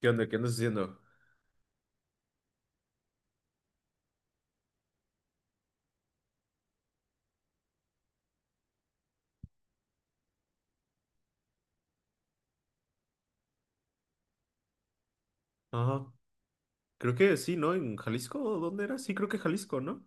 ¿Qué onda? ¿Qué ¿andas haciendo? Ajá. Creo que sí, ¿no? ¿En Jalisco? ¿Dónde era? Sí, creo que Jalisco, ¿no?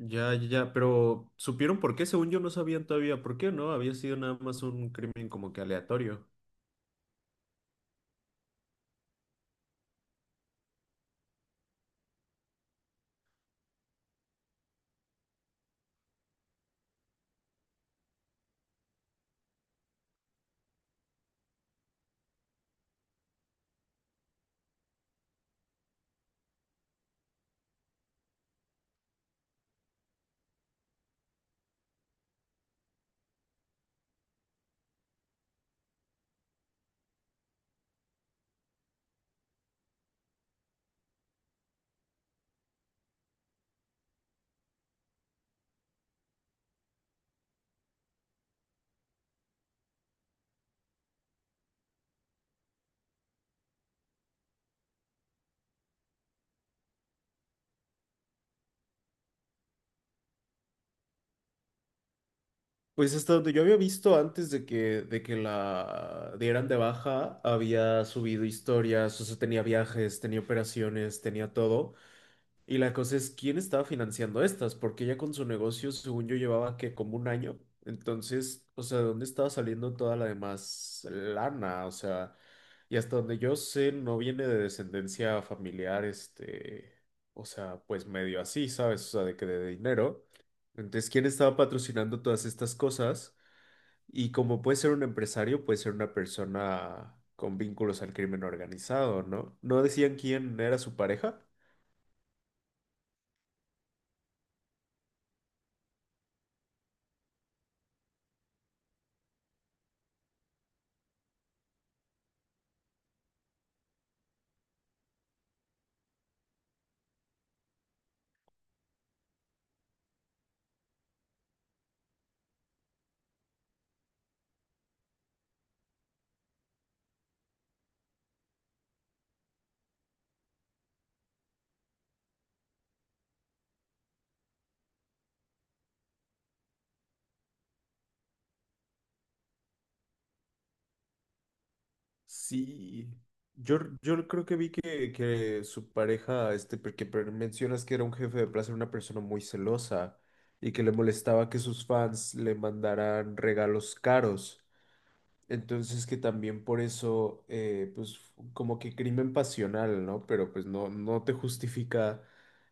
Ya, ya, ya, pero ¿supieron por qué? Según yo no sabían todavía por qué, ¿no? Había sido nada más un crimen como que aleatorio. Pues hasta donde yo había visto antes de que la dieran de baja, había subido historias, o sea, tenía viajes, tenía operaciones, tenía todo. Y la cosa es, ¿quién estaba financiando estas? Porque ella con su negocio, según yo, llevaba que como un año. Entonces, o sea, ¿de dónde estaba saliendo toda la demás lana? O sea, y hasta donde yo sé, no viene de descendencia familiar, este, o sea, pues medio así, ¿sabes? O sea, de que de dinero. Entonces, ¿quién estaba patrocinando todas estas cosas? Y como puede ser un empresario, puede ser una persona con vínculos al crimen organizado, ¿no? ¿No decían quién era su pareja? Sí, yo creo que vi que su pareja, este, mencionas que era un jefe de plaza, era una persona muy celosa y que le molestaba que sus fans le mandaran regalos caros. Entonces que también por eso, como que crimen pasional, ¿no? Pero pues no, no te justifica,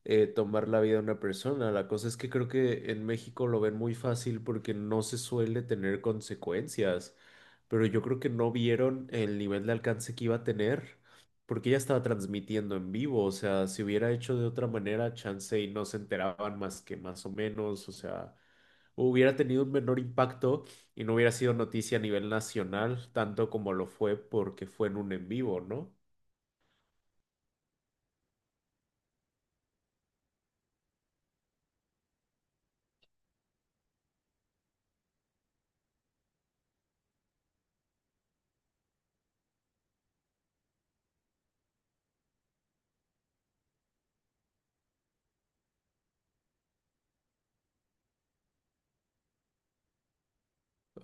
tomar la vida de una persona. La cosa es que creo que en México lo ven muy fácil porque no se suele tener consecuencias. Pero yo creo que no vieron el nivel de alcance que iba a tener porque ella estaba transmitiendo en vivo. O sea, si hubiera hecho de otra manera, chance y no se enteraban más que más o menos. O sea, hubiera tenido un menor impacto y no hubiera sido noticia a nivel nacional, tanto como lo fue porque fue en un en vivo, ¿no?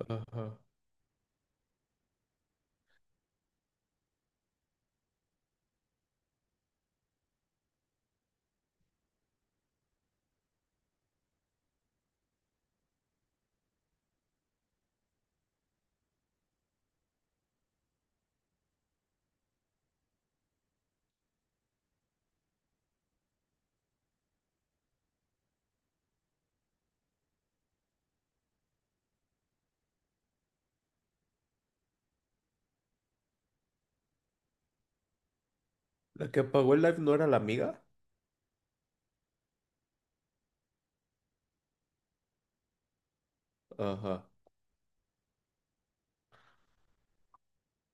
Ajá. La que apagó el live no era la amiga. Ajá.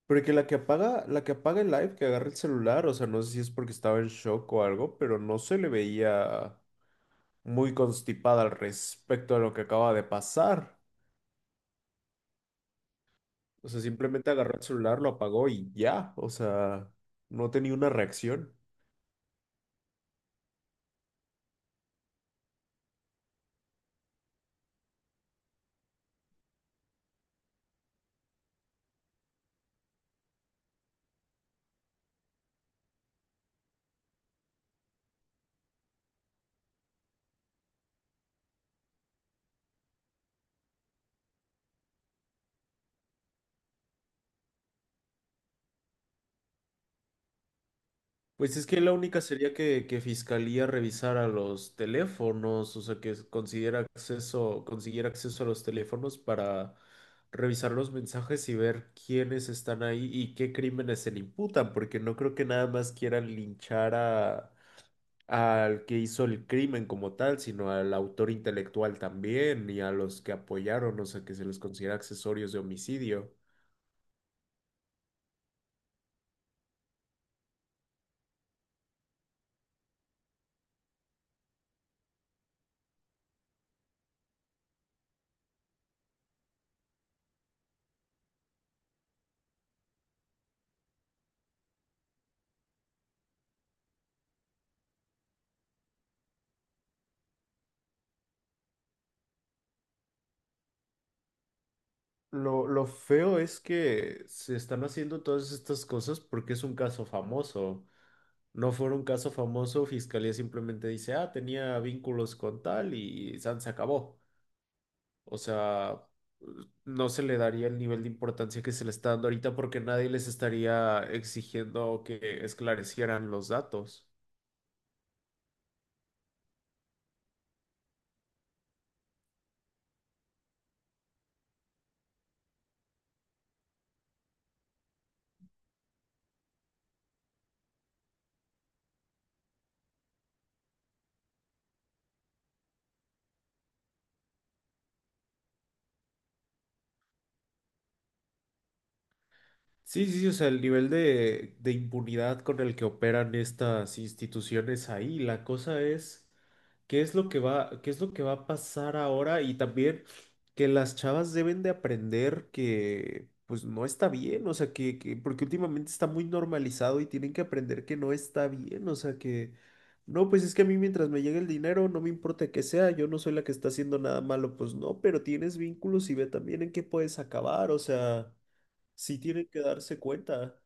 Porque la que apaga el live, que agarra el celular, o sea, no sé si es porque estaba en shock o algo, pero no se le veía muy constipada al respecto de lo que acaba de pasar. O sea, simplemente agarró el celular, lo apagó y ya. O sea, no tenía una reacción. Pues es que la única sería que Fiscalía revisara los teléfonos, o sea, que considera acceso, consiguiera acceso a los teléfonos para revisar los mensajes y ver quiénes están ahí y qué crímenes se le imputan, porque no creo que nada más quieran linchar al que hizo el crimen como tal, sino al autor intelectual también y a los que apoyaron, o sea, que se les considera accesorios de homicidio. Lo feo es que se están haciendo todas estas cosas porque es un caso famoso. No fuera un caso famoso, Fiscalía simplemente dice, ah, tenía vínculos con tal y san se acabó. O sea, no se le daría el nivel de importancia que se le está dando ahorita porque nadie les estaría exigiendo que esclarecieran los datos. Sí, sí, sí, o sea, el nivel de impunidad con el que operan estas instituciones ahí, la cosa es qué es lo que va a pasar ahora y también que las chavas deben de aprender que pues no está bien, o sea, que porque últimamente está muy normalizado y tienen que aprender que no está bien, o sea, que no, pues es que a mí mientras me llegue el dinero, no me importa que sea, yo no soy la que está haciendo nada malo, pues no, pero tienes vínculos y ve también en qué puedes acabar, o sea... Sí tienen que darse cuenta.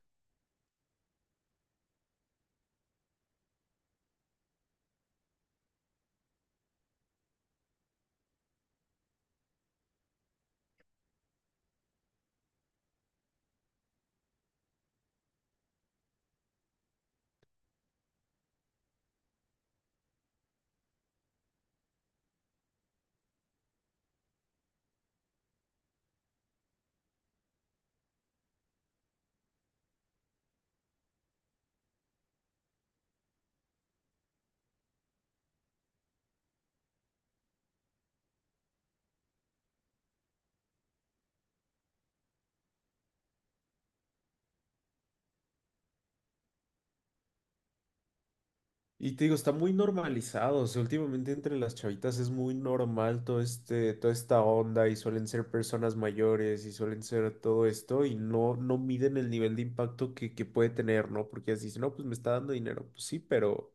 Y te digo, está muy normalizado. O sea, últimamente entre las chavitas es muy normal todo este, toda esta onda y suelen ser personas mayores y suelen ser todo esto y no, no miden el nivel de impacto que puede tener, ¿no? Porque ellas dicen, no, pues me está dando dinero. Pues sí, pero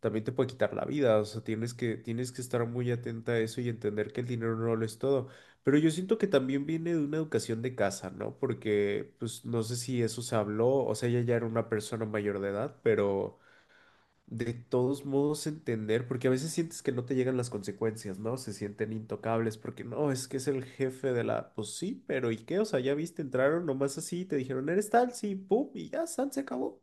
también te puede quitar la vida, o sea, tienes que estar muy atenta a eso y entender que el dinero no lo es todo. Pero yo siento que también viene de una educación de casa, ¿no? Porque, pues, no sé si eso se habló, o sea, ella ya era una persona mayor de edad, pero de todos modos entender, porque a veces sientes que no te llegan las consecuencias, ¿no? Se sienten intocables, porque no, es que es el jefe de la, pues sí, pero ¿y qué? O sea, ya viste, entraron nomás así, te dijeron, eres tal, sí, pum, y ya, san, se acabó.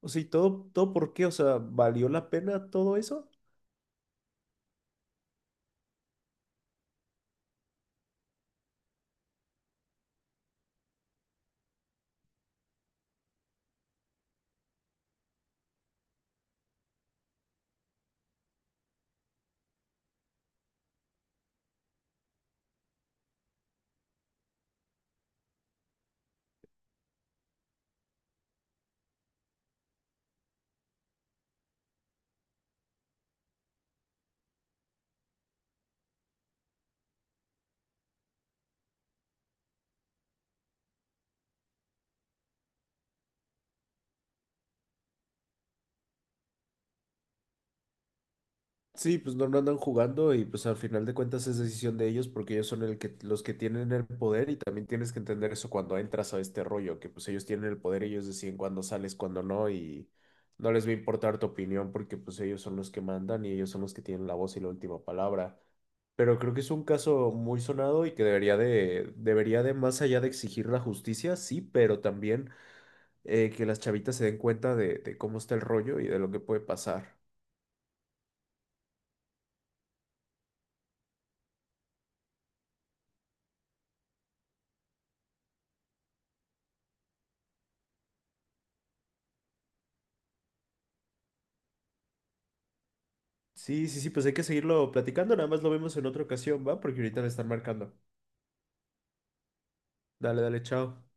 O sea, ¿y todo, todo por qué? O sea, ¿valió la pena todo eso? Sí, pues no, no andan jugando y pues al final de cuentas es decisión de ellos porque ellos son el que, los que tienen el poder y también tienes que entender eso cuando entras a este rollo, que pues ellos tienen el poder, ellos deciden cuándo sales, cuándo no y no les va a importar tu opinión porque pues ellos son los que mandan y ellos son los que tienen la voz y la última palabra. Pero creo que es un caso muy sonado y que debería de, más allá de exigir la justicia, sí, pero también, que las chavitas se den cuenta de cómo está el rollo y de lo que puede pasar. Sí, sí, sí, pues hay que seguirlo platicando, nada más lo vemos en otra ocasión, ¿va? Porque ahorita me están marcando. Dale, dale, chao.